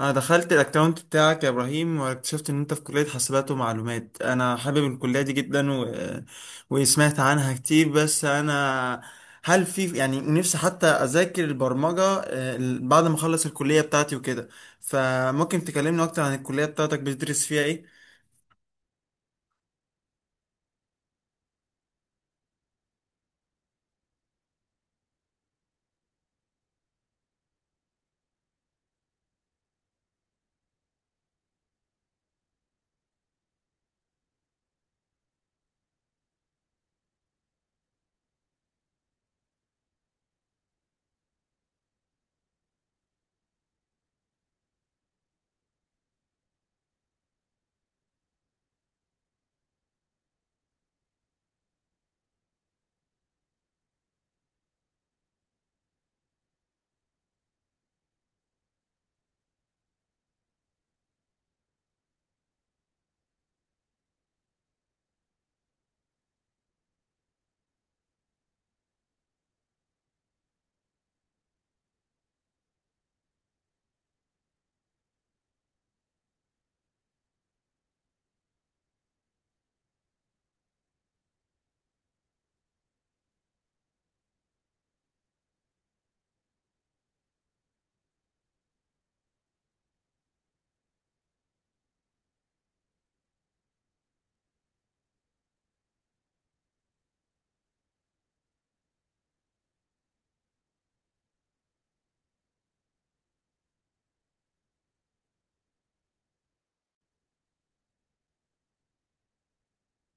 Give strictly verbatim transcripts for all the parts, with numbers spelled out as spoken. انا دخلت الاكونت بتاعك يا ابراهيم، واكتشفت ان انت في كلية حاسبات ومعلومات. انا حابب الكلية دي جدا، و... وسمعت عنها كتير. بس انا هل في يعني نفسي حتى اذاكر البرمجة آه، ال- بعد ما اخلص الكلية بتاعتي وكده؟ فممكن تكلمني اكتر عن الكلية بتاعتك، بتدرس فيها ايه؟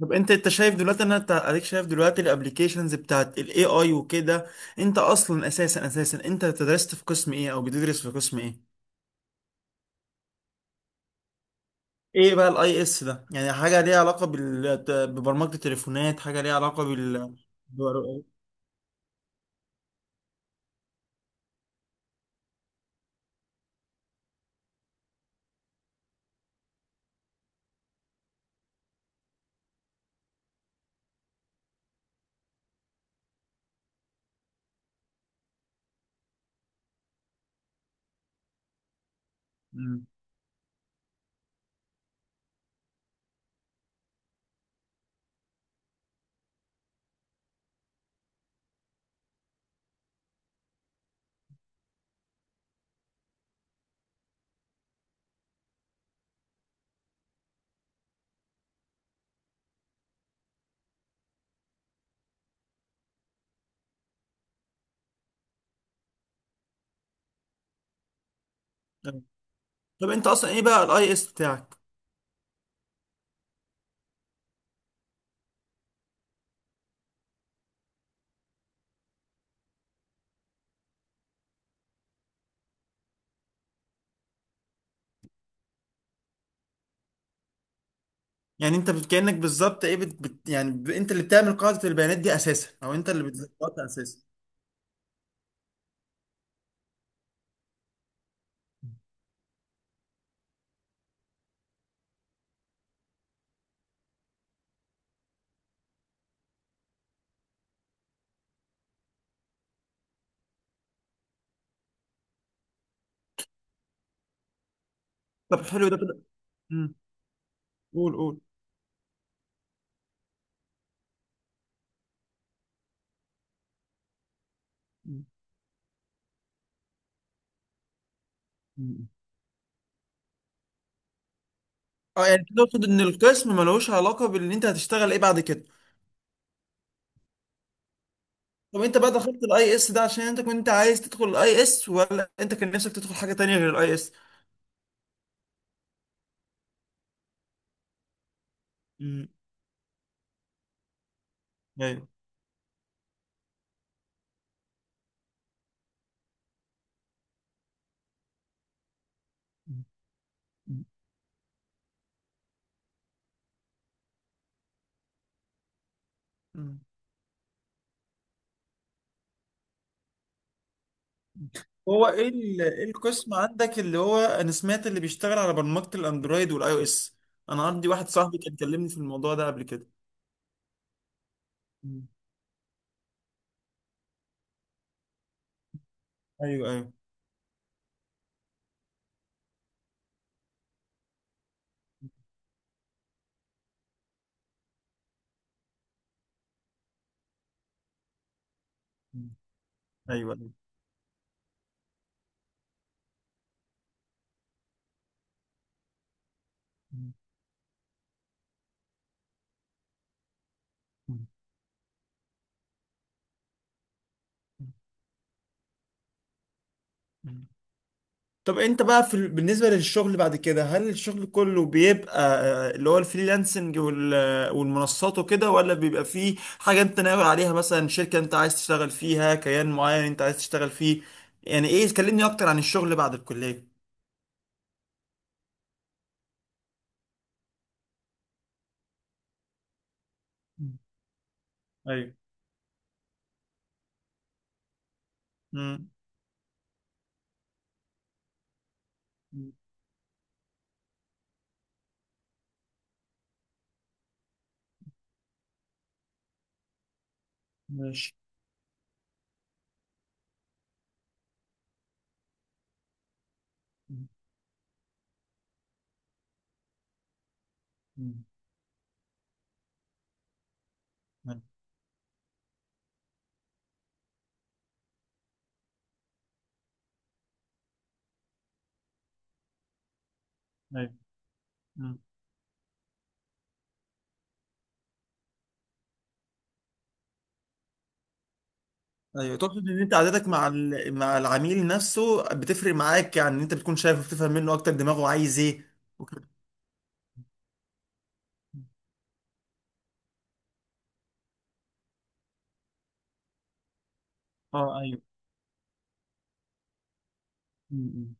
طب انت انت شايف دلوقتي ان انت اديك شايف دلوقتي الابليكيشنز بتاعت الاي اي وكده؟ انت اصلا اساسا اساسا انت درست في قسم ايه او بتدرس في قسم ايه؟ ايه بقى الاي اس ده؟ يعني حاجه ليها علاقه بال... ببرمجه التليفونات؟ حاجه ليها علاقه بال بر- مم. طب انت اصلا ايه بقى الاي اس بتاعك؟ يعني انت بت- كانك بالظبط ايه بت... بت... يعني ب... انت اللي بتعمل قاعده البيانات دي اساسا، او انت اللي بتظبطها اساسا؟ طب حلو ده كده. مم. قول قول. مم. مم. اه، يعني تقصد ان القسم ملوش علاقه بان انت هتشتغل ايه بعد كده؟ طب انت بقى دخلت الاي اس ده عشان انت كنت عايز تدخل الاي اس، ولا انت كان نفسك تدخل حاجه تانية غير الاي اس؟ امم ايوه. مم. هو ايه ال- إيه القسم عندك اللي هو انا سمعت اللي بيشتغل على برمجة الاندرويد والاي او اس؟ انا عندي واحد صاحبي كان كلمني في الموضوع ده قبل كده. مم. ايوه ايوه. مم. ايوه، أيوة. مم. مم. مم. طب انت بقى في ال- بالنسبة للشغل بعد كده، هل الشغل كله بيبقى آه، اللي هو الفريلانسنج وال- آه، والمنصات وكده، ولا بيبقى فيه حاجة انت ناوي عليها، مثلا شركة انت عايز تشتغل فيها، كيان معين انت عايز تشتغل فيه؟ يعني ايه؟ كلمني اكتر عن الشغل بعد الكلية. مم. ايوه. مم. ماشي. مم. مم. مم. ايوه. مم. ايوه، تقصد ان انت عادتك مع ال- مع العميل نفسه بتفرق معاك؟ يعني ان انت بتكون شايفه، بتفهم منه اكتر دماغه عايز ايه وكده. اه، ايوه. مم.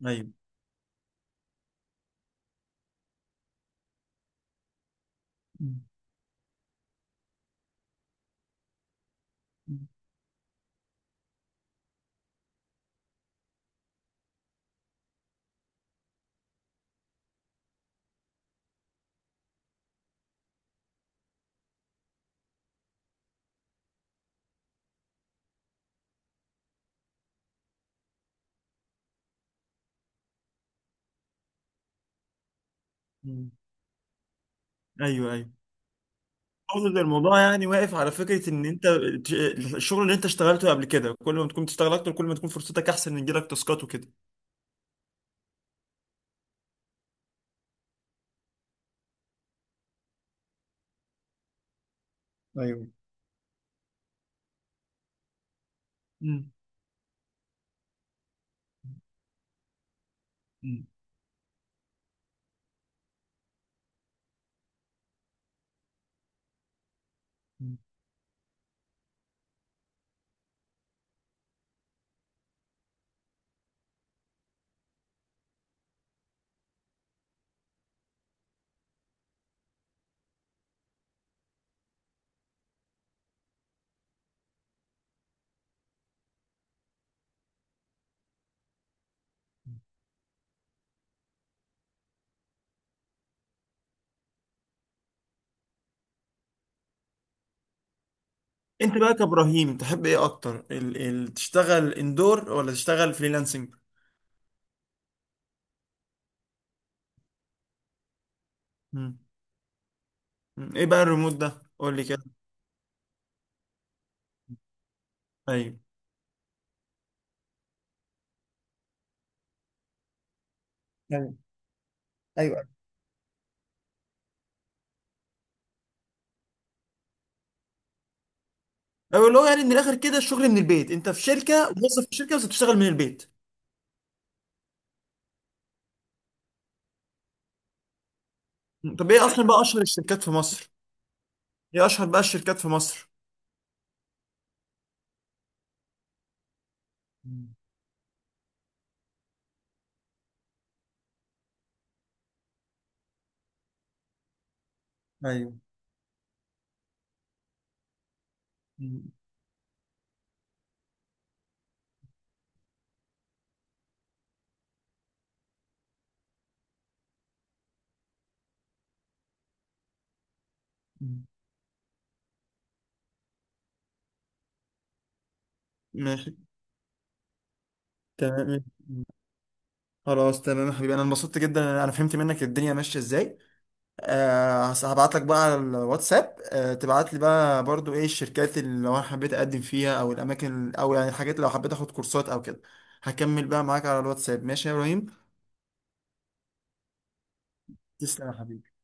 مم. ايوه. مم. مم. ايوه ايوه. اقصد إن الموضوع يعني واقف على فكره ان انت ت- الشغل اللي انت اشتغلته قبل كده، كل ما تكون تشتغل اكتر كل ما تكون فرصتك احسن ان يجيلك تاسكات وكده. ايوه. مم. مم. انت بقى كابراهيم تحب ايه اكتر، ال ال تشتغل اندور ولا تشتغل فريلانسنج؟ مم. مم. ايه بقى الريموت ده؟ قول لي كده. ايوه. ايوه. ايوه. ايوه، اللي هو يعني من الاخر كده الشغل من البيت، انت في شركه، موظف في شركه بس بتشتغل من البيت. مم. طب ايه اصلا بقى اشهر الشركات في مصر؟ ايه اشهر بقى الشركات في مصر؟ مم. ايوه. مم. مم. ماشي. تمام. خلاص، تمام يا حبيبي. انا انبسطت جدا، انا فهمت منك الدنيا ماشيه ازاي. آه هبعت لك بقى على الواتساب. آه تبعت لي بقى برضو ايه الشركات اللي لو انا حبيت اقدم فيها، او الاماكن، او يعني الحاجات اللي لو حبيت اخد كورسات او كده. هكمل بقى معاك على الواتساب. ماشي يا ابراهيم. تسلم يا حبيبي.